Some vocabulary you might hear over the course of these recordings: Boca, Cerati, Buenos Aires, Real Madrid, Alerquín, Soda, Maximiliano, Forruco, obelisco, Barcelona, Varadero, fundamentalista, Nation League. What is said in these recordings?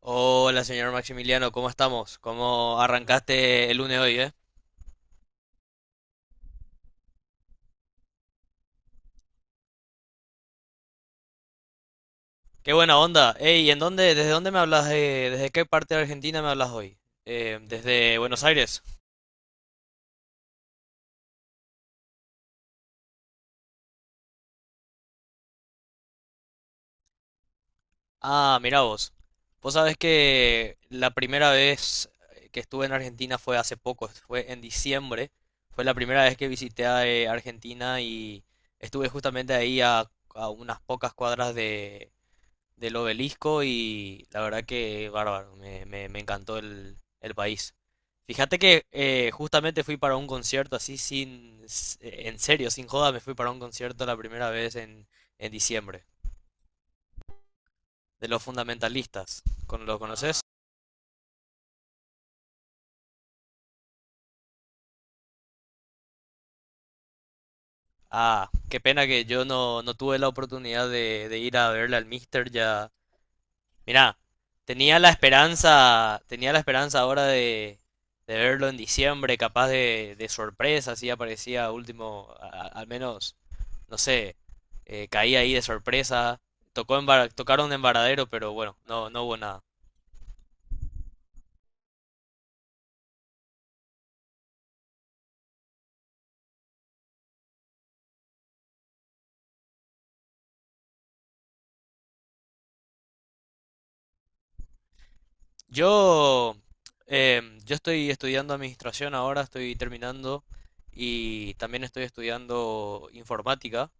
Hola, señor Maximiliano, ¿cómo estamos? ¿Cómo arrancaste el lunes hoy, Qué buena onda. Ey, ¿desde dónde me hablas? ¿Desde qué parte de Argentina me hablas hoy? ¿Desde Buenos Aires? Ah, mira vos. Vos sabés que la primera vez que estuve en Argentina fue hace poco, fue en diciembre. Fue la primera vez que visité Argentina y estuve justamente a unas pocas cuadras del obelisco y la verdad que bárbaro, me encantó el país. Fíjate que justamente fui para un concierto así sin, s- en serio, sin joda, me fui para un concierto la primera vez en diciembre, de los fundamentalistas. ¿Lo conoces? Qué pena que yo no tuve la oportunidad de ir a verle al Mister, ya. Mirá, tenía la esperanza ahora de verlo en diciembre, capaz de sorpresa, si aparecía último, al menos, no sé, caía ahí de sorpresa. Tocaron en Varadero, pero bueno, no hubo nada. Yo, yo estoy estudiando administración ahora, estoy terminando y también estoy estudiando informática.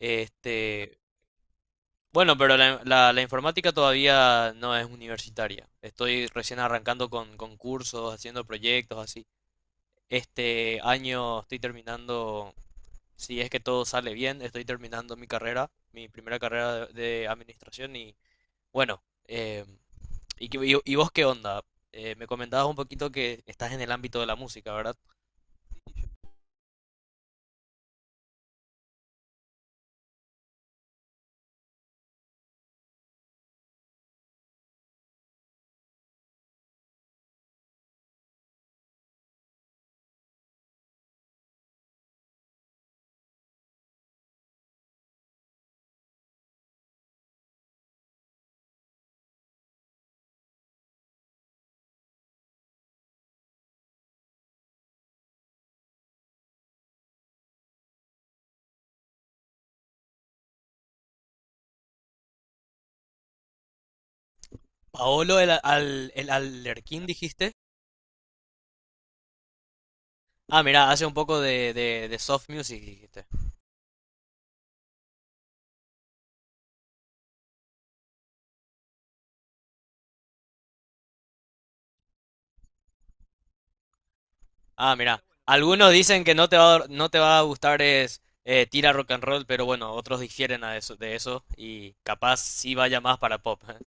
Este, Bueno, pero la informática todavía no es universitaria. Estoy recién arrancando con cursos, haciendo proyectos, así. Este año estoy terminando, si es que todo sale bien, estoy terminando mi carrera, mi primera carrera de administración y bueno, ¿y, y vos qué onda? Me comentabas un poquito que estás en el ámbito de la música, ¿verdad? Paolo, el Alerquín dijiste. Ah, mira, hace un poco de soft music dijiste. Ah, mira, algunos dicen que no te va a gustar es tira rock and roll, pero bueno, otros difieren de eso y capaz sí vaya más para pop.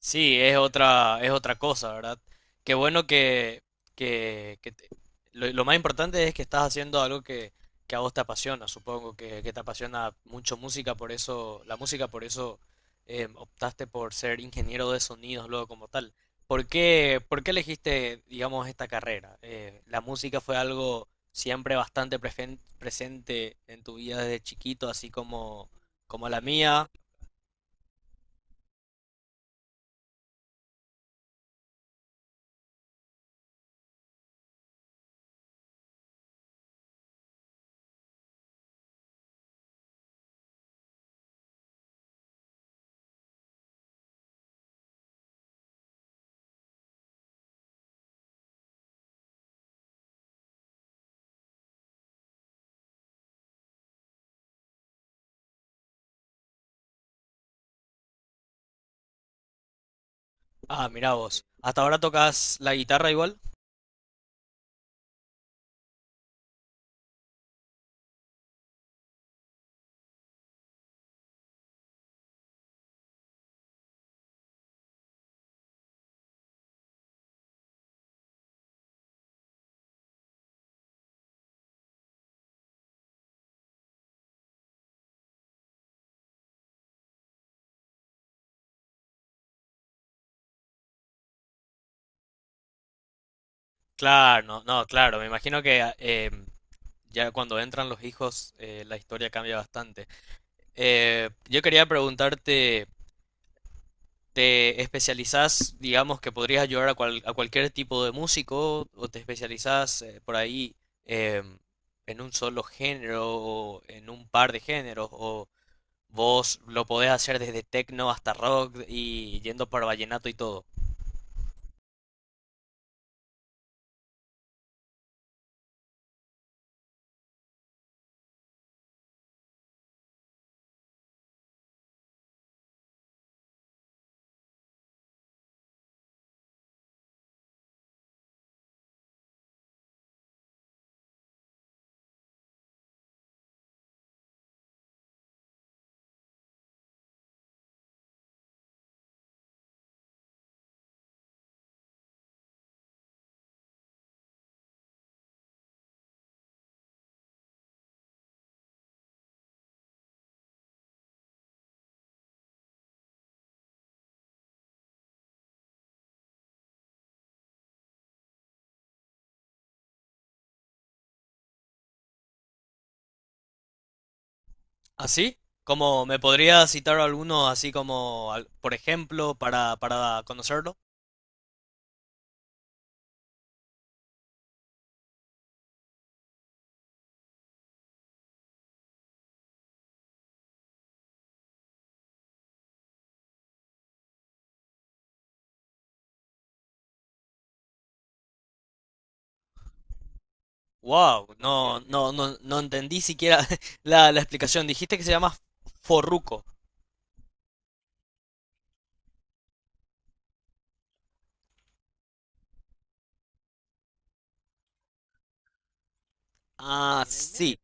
Sí, es otra cosa, ¿verdad? Qué bueno que lo más importante es que estás haciendo algo que a vos te apasiona, supongo que te apasiona mucho música, por eso, la música, por eso optaste por ser ingeniero de sonidos luego como tal. Por qué elegiste, digamos, esta carrera? ¿La música fue algo siempre bastante presente en tu vida desde chiquito, así como, como la mía? Ah, mira vos. ¿Hasta ahora tocas la guitarra igual? Claro, no, no, claro, me imagino que ya cuando entran los hijos la historia cambia bastante. Yo quería preguntarte, ¿te especializás, digamos, que podrías ayudar a cualquier tipo de músico o te especializás por ahí em, en un solo género o en un par de géneros o vos lo podés hacer desde techno hasta rock y yendo para vallenato y todo? ¿Así? ¿Cómo me podría citar alguno así como, por ejemplo, para conocerlo? Wow, no entendí siquiera la explicación. Dijiste que se llama Forruco. Ah, sí,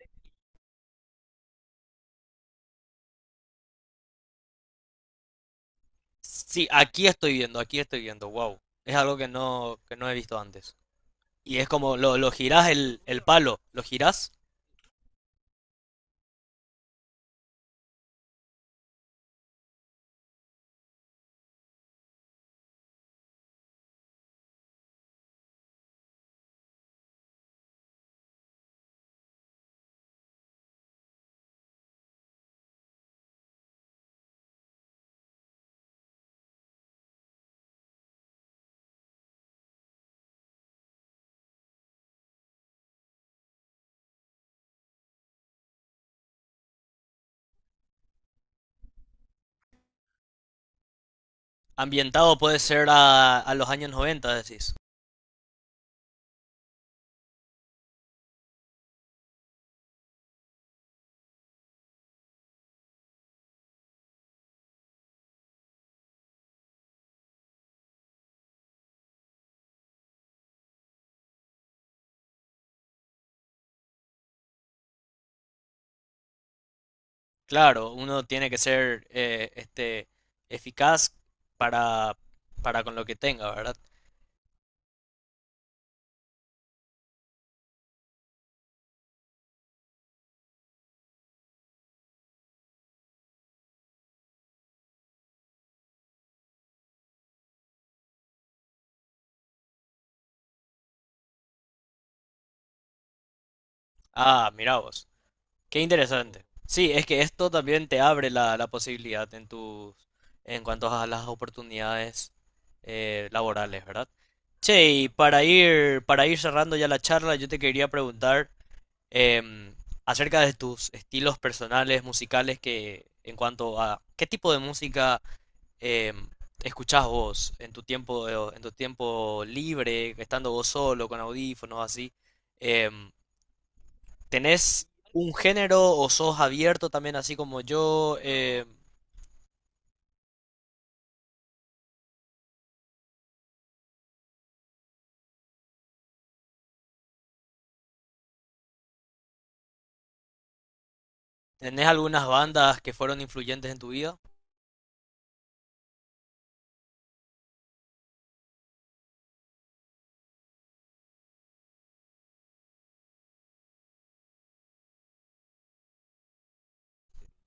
sí, aquí estoy viendo, wow. Es algo que que no he visto antes. Y es como, lo girás el palo, lo girás. Ambientado puede ser a los años 90, decís. Claro, uno tiene que ser eficaz para, para con lo que tenga, ¿verdad? Ah, mira vos. Qué interesante. Sí, es que esto también te abre la posibilidad en tus, en cuanto a las oportunidades laborales, ¿verdad? Che, y para ir cerrando ya la charla, yo te quería preguntar em, acerca de tus estilos personales, musicales, que en cuanto a qué tipo de música eh, escuchás vos en tu tiempo libre, estando vos solo, con audífonos, así? Em, ¿Tenés un género o sos abierto también así como yo? ¿Tenés algunas bandas que fueron influyentes en tu vida?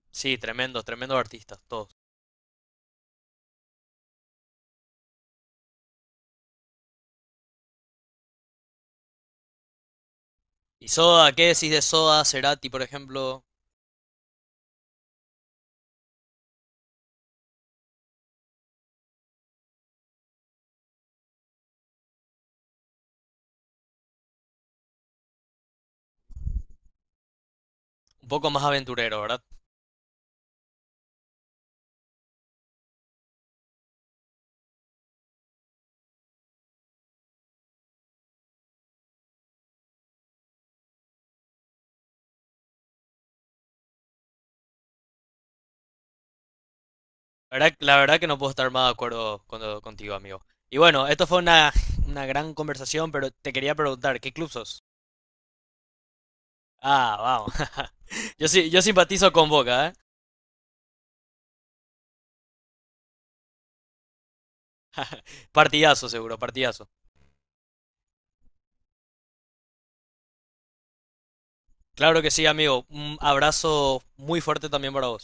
Sí, tremendos, tremendos artistas, todos. ¿Y Soda? ¿Qué decís de Soda, Cerati, por ejemplo? Un poco más aventurero, ¿verdad? La verdad, la verdad que no puedo estar más de contigo, amigo. Y bueno, esto fue una gran conversación, pero te quería preguntar, ¿qué club sos? Ah, vamos. Yo sí, yo simpatizo con Boca, ¿eh? Partidazo, seguro, partidazo. Claro que sí, amigo. Un abrazo muy fuerte también para vos.